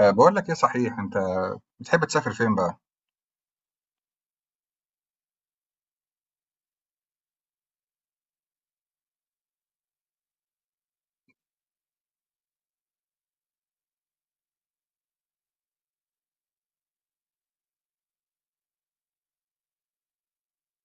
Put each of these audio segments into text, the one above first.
بقول لك ايه، صحيح انت بتحب تسافر فين بقى؟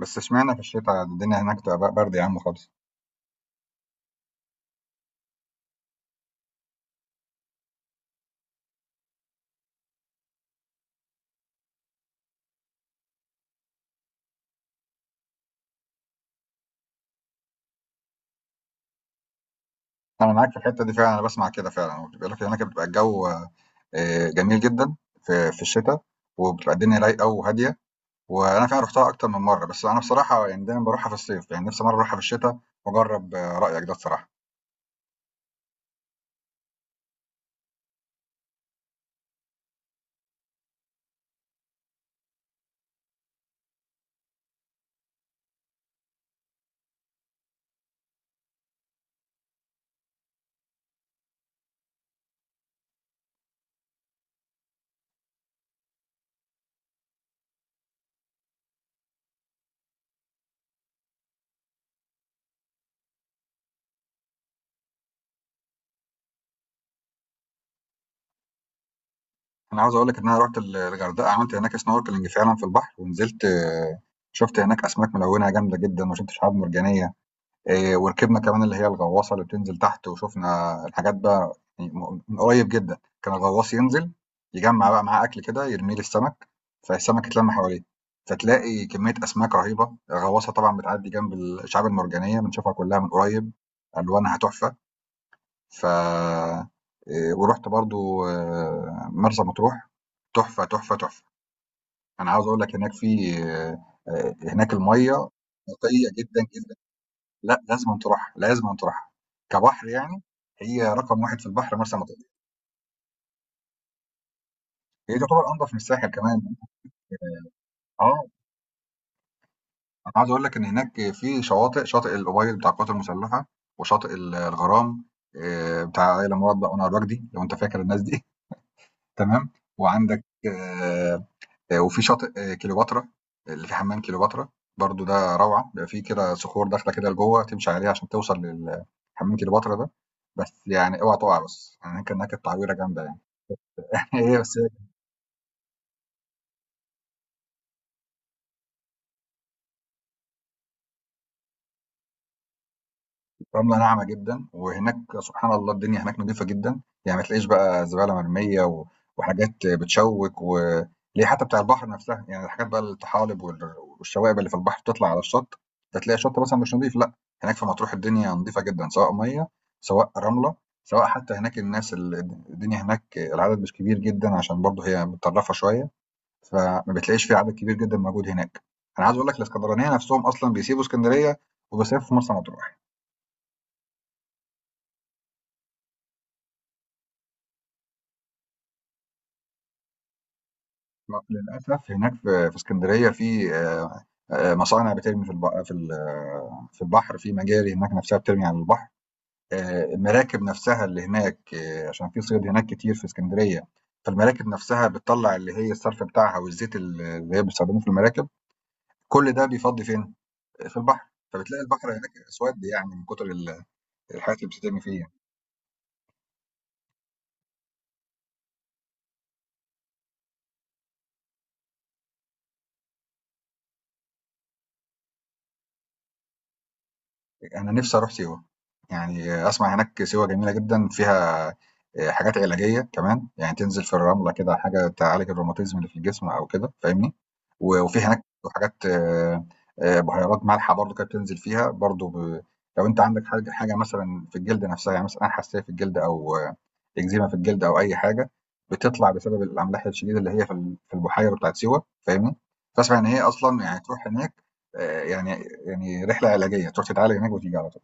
بس اشمعنى في الشتاء الدنيا هناك بتبقى برد يا عم خالص. انا معاك في الحته دي فعلا. انا بسمع كده فعلا بيقول لك هناك بتبقى الجو جميل جدا في الشتاء. وبتبقى الدنيا رايقه وهاديه. وانا فعلا رحتها اكتر من مره، بس انا بصراحه يعني دايما بروحها في الصيف، يعني نفسي مره اروحها في الشتاء واجرب. رايك ده بصراحه. انا عاوز اقول لك ان انا رحت الغردقه، عملت هناك سنوركلينج فعلا في البحر ونزلت. شفت هناك اسماك ملونه جامده جدا، وشفت شعاب مرجانيه. إيه، وركبنا كمان اللي هي الغواصه اللي بتنزل تحت، وشفنا الحاجات بقى يعني من قريب جدا. كان الغواص ينزل يجمع بقى معاه اكل كده يرميه للسمك، فالسمك يتلم حواليه، فتلاقي كميه اسماك رهيبه. الغواصه طبعا بتعدي جنب الشعاب المرجانيه بنشوفها كلها من قريب، الوانها تحفه. ف إيه، ورحت برضو مرسى مطروح، تحفه تحفه تحفه. انا عاوز اقول لك هناك في آه، آه، هناك الميه نقيه جدا. لأ، لازمًا تروحها، لازمًا تروحها. كبحر يعني، هي رقم 1 في البحر مرسى مطروح، هي تعتبر أنضف من الساحل كمان. آه، أنا عايز أقول لك إن هناك في شواطئ، شاطئ الأوبيل بتاع القوات المسلحة، وشاطئ الغرام، بتاع آية مراد بقى وأنور وجدي، لو أنت فاكر الناس دي. تمام، وعندك وفي شاطئ كليوباترا، اللي في حمام كليوباترا، برضه ده روعة. بيبقى في كده صخور داخلة كده لجوّه تمشي عليها عشان توصل حمام كليوباترا ده. بس يعني أوعى تقع بس، يعني هناك التعويرة جامدة يعني. هي رملة ناعمة جدًا. وهناك سبحان الله الدنيا هناك نضيفة جدًا، يعني ما تلاقيش بقى زبالة مرمية و وحاجات بتشوِّك، و اللي هي حتى بتاع البحر نفسها. يعني الحاجات بقى الطحالب والشوائب اللي في البحر بتطلع على الشط. فتلاقي الشط مثلًا مش نضيف، لأ. هناك في مطروح الدنيا نضيفة جدًا، سواء مَيّة، سواء رملة، سواء حتى هناك الناس الدنيا هناك العدد مش كبير جدًا، عشان برضه هي متطرفة شوية. فما بتلاقيش في عدد كبير جدًا موجود هناك. أنا عايز أقول لك الإسكندرانية نفسهم أصلًا بيسيبوا إسكندرية وبيصيفوا في مرسى مطروح. للأسف هناك في اسكندرية في مصانع بترمي في البحر، في مجاري هناك نفسها بترمي على البحر. المراكب نفسها اللي هناك، عشان في صيد هناك كتير في اسكندرية. فالمراكب نفسها بتطلع اللي هي الصرف بتاعها والزيت اللي هي بيستخدموه في المراكب. كل ده بيفضي فين؟ في البحر. فبتلاقي البحر هناك أسود، يعني من كتر الحاجات اللي بتترمي فيه يعني. أنا نفسي أروح سيوة، يعني أسمع هناك سيوة جميلة جدًا فيها حاجات علاجية كمان، يعني تنزل في الرملة كده، حاجة تعالج الروماتيزم اللي في الجسم أو كده فاهمني. و وفي هناك حاجات بُهيرات مالحة برضه كده بتنزل فيها برضه لو أنت عندك حاجة مثلًا في الجلد نفسها، يعني مثلًا أي حساسية في الجلد، أو إكزيما في الجلد، أو أي حاجة بتطلع بسبب الأملاح الشديدة اللي هي في البحيرة بتاعت سيوة فاهمني؟ فأسمع إن هي أصلا يعني تروح هناك، آه، يعني يعني رحلة علاجية تروح تتعالج هناك وتيجي على طول.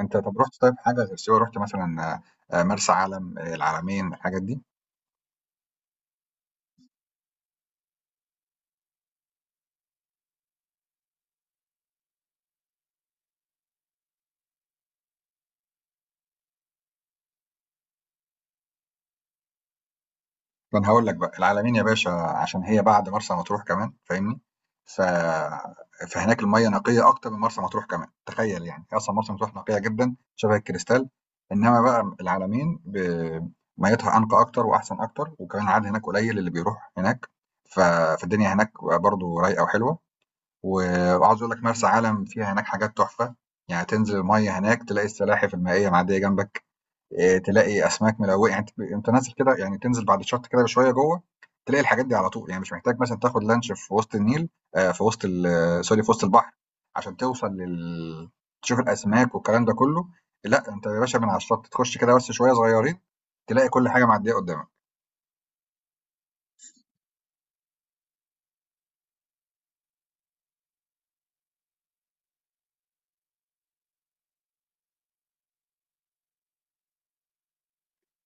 أنت طب رحت طيب حاجة غير سيوة؟ رحت مثلا مرسى علم، العلمين، الحاجات دي؟ ما أنا هاقول لك بقى، العلمين يا باشا عشان هي بعد مرسى مطروح كمان فاهمني؟ ف فهناك المَيّة نقية أكتر من مرسى مطروح كمان، تخيّل يعني. هي أصلًا مرسى مطروح نقية جدًا شبه الكريستال، إنّما بقى العلمين مَيّتها أنقى أكتر وأحسن أكتر. وكمان العدد هناك قليل اللي بيروح هناك. ف فالدنيا هناك برضه رايقة وحلوة. و وعاوز أقول لك مرسى علم فيها هناك حاجات تحفة. يعني تنزل المَيّة هناك تلاقي السلاحف المائية معدّية جنبك. تلاقي اسماك ملويه. يعني أنت نازل كده، يعني تنزل بعد الشط كده بشويه جوه، تلاقي الحاجات دي على طول، يعني مش محتاج مثلا تاخد لانش في وسط النيل، في وسط سوري، في وسط البحر، عشان توصل تشوف الاسماك والكلام ده كله. لا انت يا باشا من على الشط تخش كده بس شويه صغيرين، تلاقي كل حاجه معديه قدامك.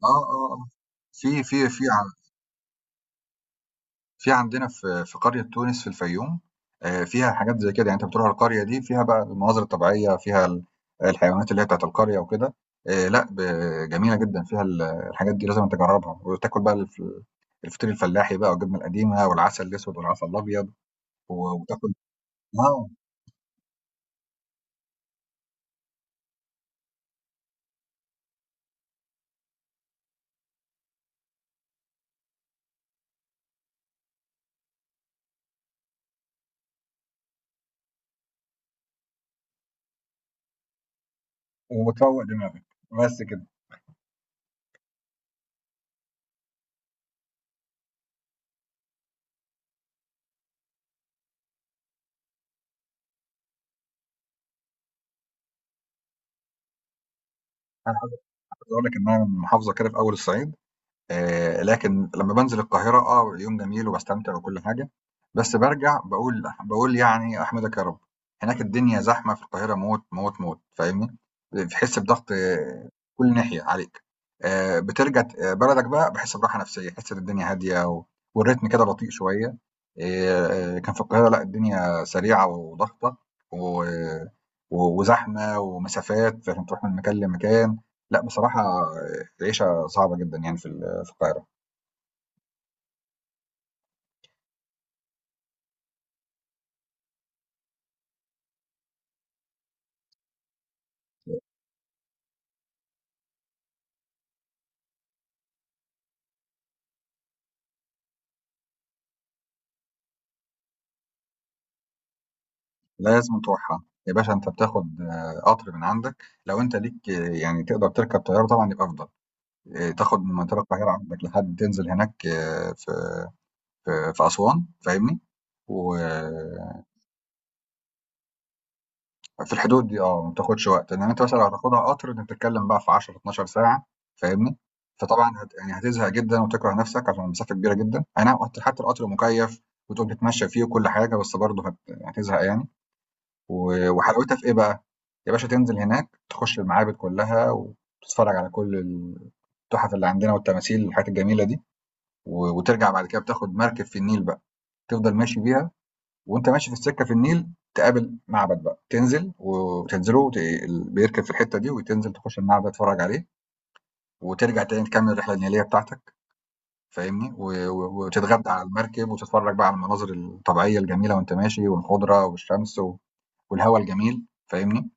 اه اه آه. في في في في عندنا في قرية تونس في الفيوم. فيها حاجات زي كده، يعني أنت بتروح القرية دي فيها بقى المناظر الطبيعية، فيها الحيوانات اللي هي بتاعة القرية وكده. لأ، جميلة جدًا، فيها الحاجات دي لازمًا تجربها. وتاكل بقى الفطير الفلاحي بقى، والجبنة القديمة، والعسل الأسود، والعسل الأبيض، و وتاكل، آه، وتروّق دماغك، بس كده. عايز أقول لك إنها محافظة كده في أول الصعيد. لكن لما بانزل القاهرة يوم جميل وبستمتع وكل حاجة، بس برجع بقول يعني احمدك يا رب. هناك الدنيا زحمة في القاهرة موت موت موت فاهمني. بتحس بضغط، كل ناحية عليك. بترجع بلدك بقى، بحس براحة نفسية، حس ان الدنيا هادية والريتم كده بطيء شوية. كان في القاهرة لا، الدنيا سريعة وضغطة و- وزحمة ومسافات، فعشان تروح من مكان لمكان. لا بصراحة العيشة صعبة جدا يعني في القاهرة. لازم تروحها يا باشا. انت بتاخد قطر من عندك، لو انت ليك يعني تقدر تركب طيارة طبعا يبقى افضل. تاخد من منطقة القاهرة عندك لحد تنزل هناك، في اسوان فاهمني. وفي الحدود دي ما بتاخدش وقت، انما انت مثلا لو هتاخدها قطر انت بتتكلم بقى في 10 12 ساعة فاهمني. فطبعا يعني هتزهق جدا وتكره نفسك عشان المسافة كبيرة جدا. اي نعم حتى القطر مكيف وتقوم تتمشى فيه وكل حاجة، بس برضه هتزهق يعني. وحلاوتها في إيه بقى؟ يا باشا تنزل هناك تخش المعابد كلّها، وتتفرّج على كل التُحَف اللي عندنا، والتماثيل والحاجات الجميلة دي. وترجع بعد كده بتاخد مركب في النيل بقى، تفضل ماشي بيها، وأنت ماشي في السكة في النيل تقابل معبد بقى، تنزل وتنزله وت ال بيركب في الحتّة دي، وتنزل تخش المعبد تتفرّج عليه، وترجع تاني تكمّل الرحلة النيلية بتاعتك فاهمني؟ و و وتتغدى على المركب، وتتفرّج بقى على المناظر الطبيعية الجميلة وأنت ماشي، والخُضرة والشمس والهوا الجميل فاهمني؟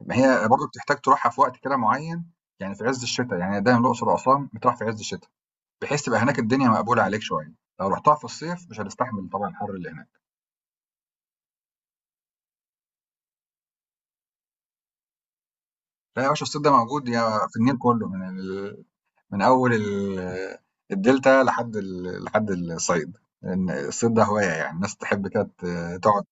ما هي برضه بتحتاج تروحها في وقت كده معين، يعني في عز الشتاء. يعني دايما الأقصر وأسوان بتروح في عز الشتاء، بحيث تبقى هناك الدنيا مقبولة عليك شوية. لو رحتها في الصيف مش هتستحمل طبعا الحر اللي هناك. لا يا باشا، الصيف ده موجود يا في النيل كله، من أول ال... الدلتا لحد الصيد، لأن الصيد ده هواية، يعني الناس تحب كده تقعد.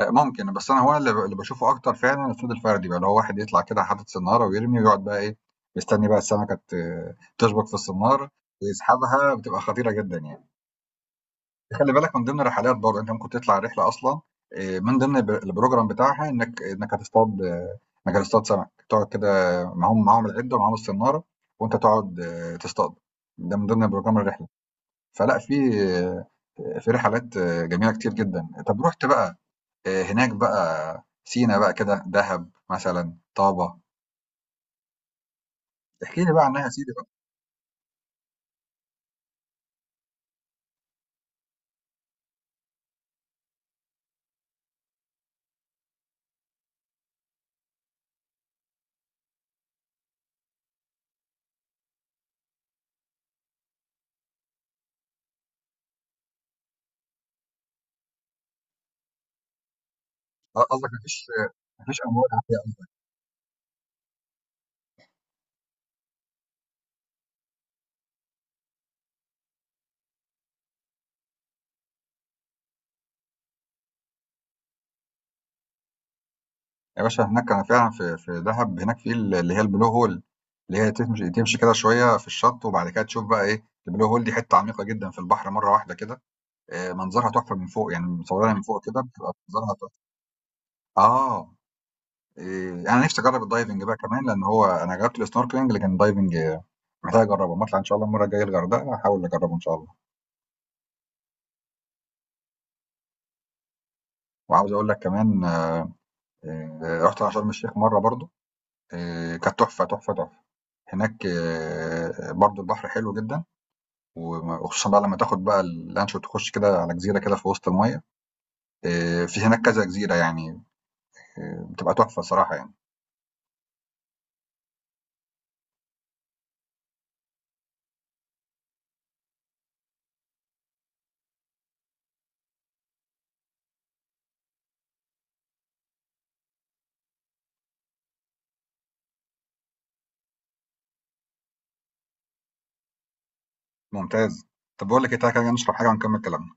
ممكن. بس انا هو اللي اللي بشوفه اكتر فعلا الصيد الفردي بقى، اللي هو واحد يطلع كده حاطط سناره ويرمي ويقعد بقى ايه، مستني بقى السمكه تشبك في السنار، ويسحبها، بتبقى خطيره جدا يعني. خلي بالك من ضمن الرحلات برضه انت ممكن تطلع رحله اصلا، من ضمن البروجرام بتاعها انك هتصطاد سمك تقعد كده، معاهم العده ومعاهم السناره، وانت تقعد تصطاد. ده من ضمن بروجرام الرحله. فلا آه، في رحلات جميله كتير جدا. طب رحت بقى هناك بقى سينا بقى كده، دهب مثلًا، طابة، احكِ لي بقى عنها يا سيدي بقى. قصدك ما فيش أمواج عالية أوي. يا باشا هناك أنا فعلًا في دهب، هناك في ال اللي هي الblue hole، اللي هي تمشي تمشي كده شوية في الشط، وبعد كده تشوف بقى إيه. الblue hole دي حتة عميقة جدًا في البحر مرة واحدة كده. منظرها تحفة من فوق، يعني مصورينها من فوق كده بتبقى منظرها تحفة. آه، آآ أنا نفسي أجرّب الdiving بقى كمان، لأن هو أنا جرّبت الsnorkeling، لكن الdiving محتاج أجرّبه. أمّا أطلع إن شاء الله المرّة الجاية الغردقة هاحاول أجرّبه إن شاء الله. وعاوز أقول لك كمان، رُحت على شرم الشيخ مرّة برضه، كانت تحفة، تحفة، تحفة. هناك برضه البحر حلو جدًا، وخصوصًا بقى لمّا تاخد بقى اللانش وتخُش كده على جزيرة كده في وسط المَيّة. في هناك كذا جزيرة يعني، بتبقى تحفة الصراحة يعني. ممتاز. طَب باقول لك إيه، تعالَ كده نشرب حاجة ونكمّل كلامنا.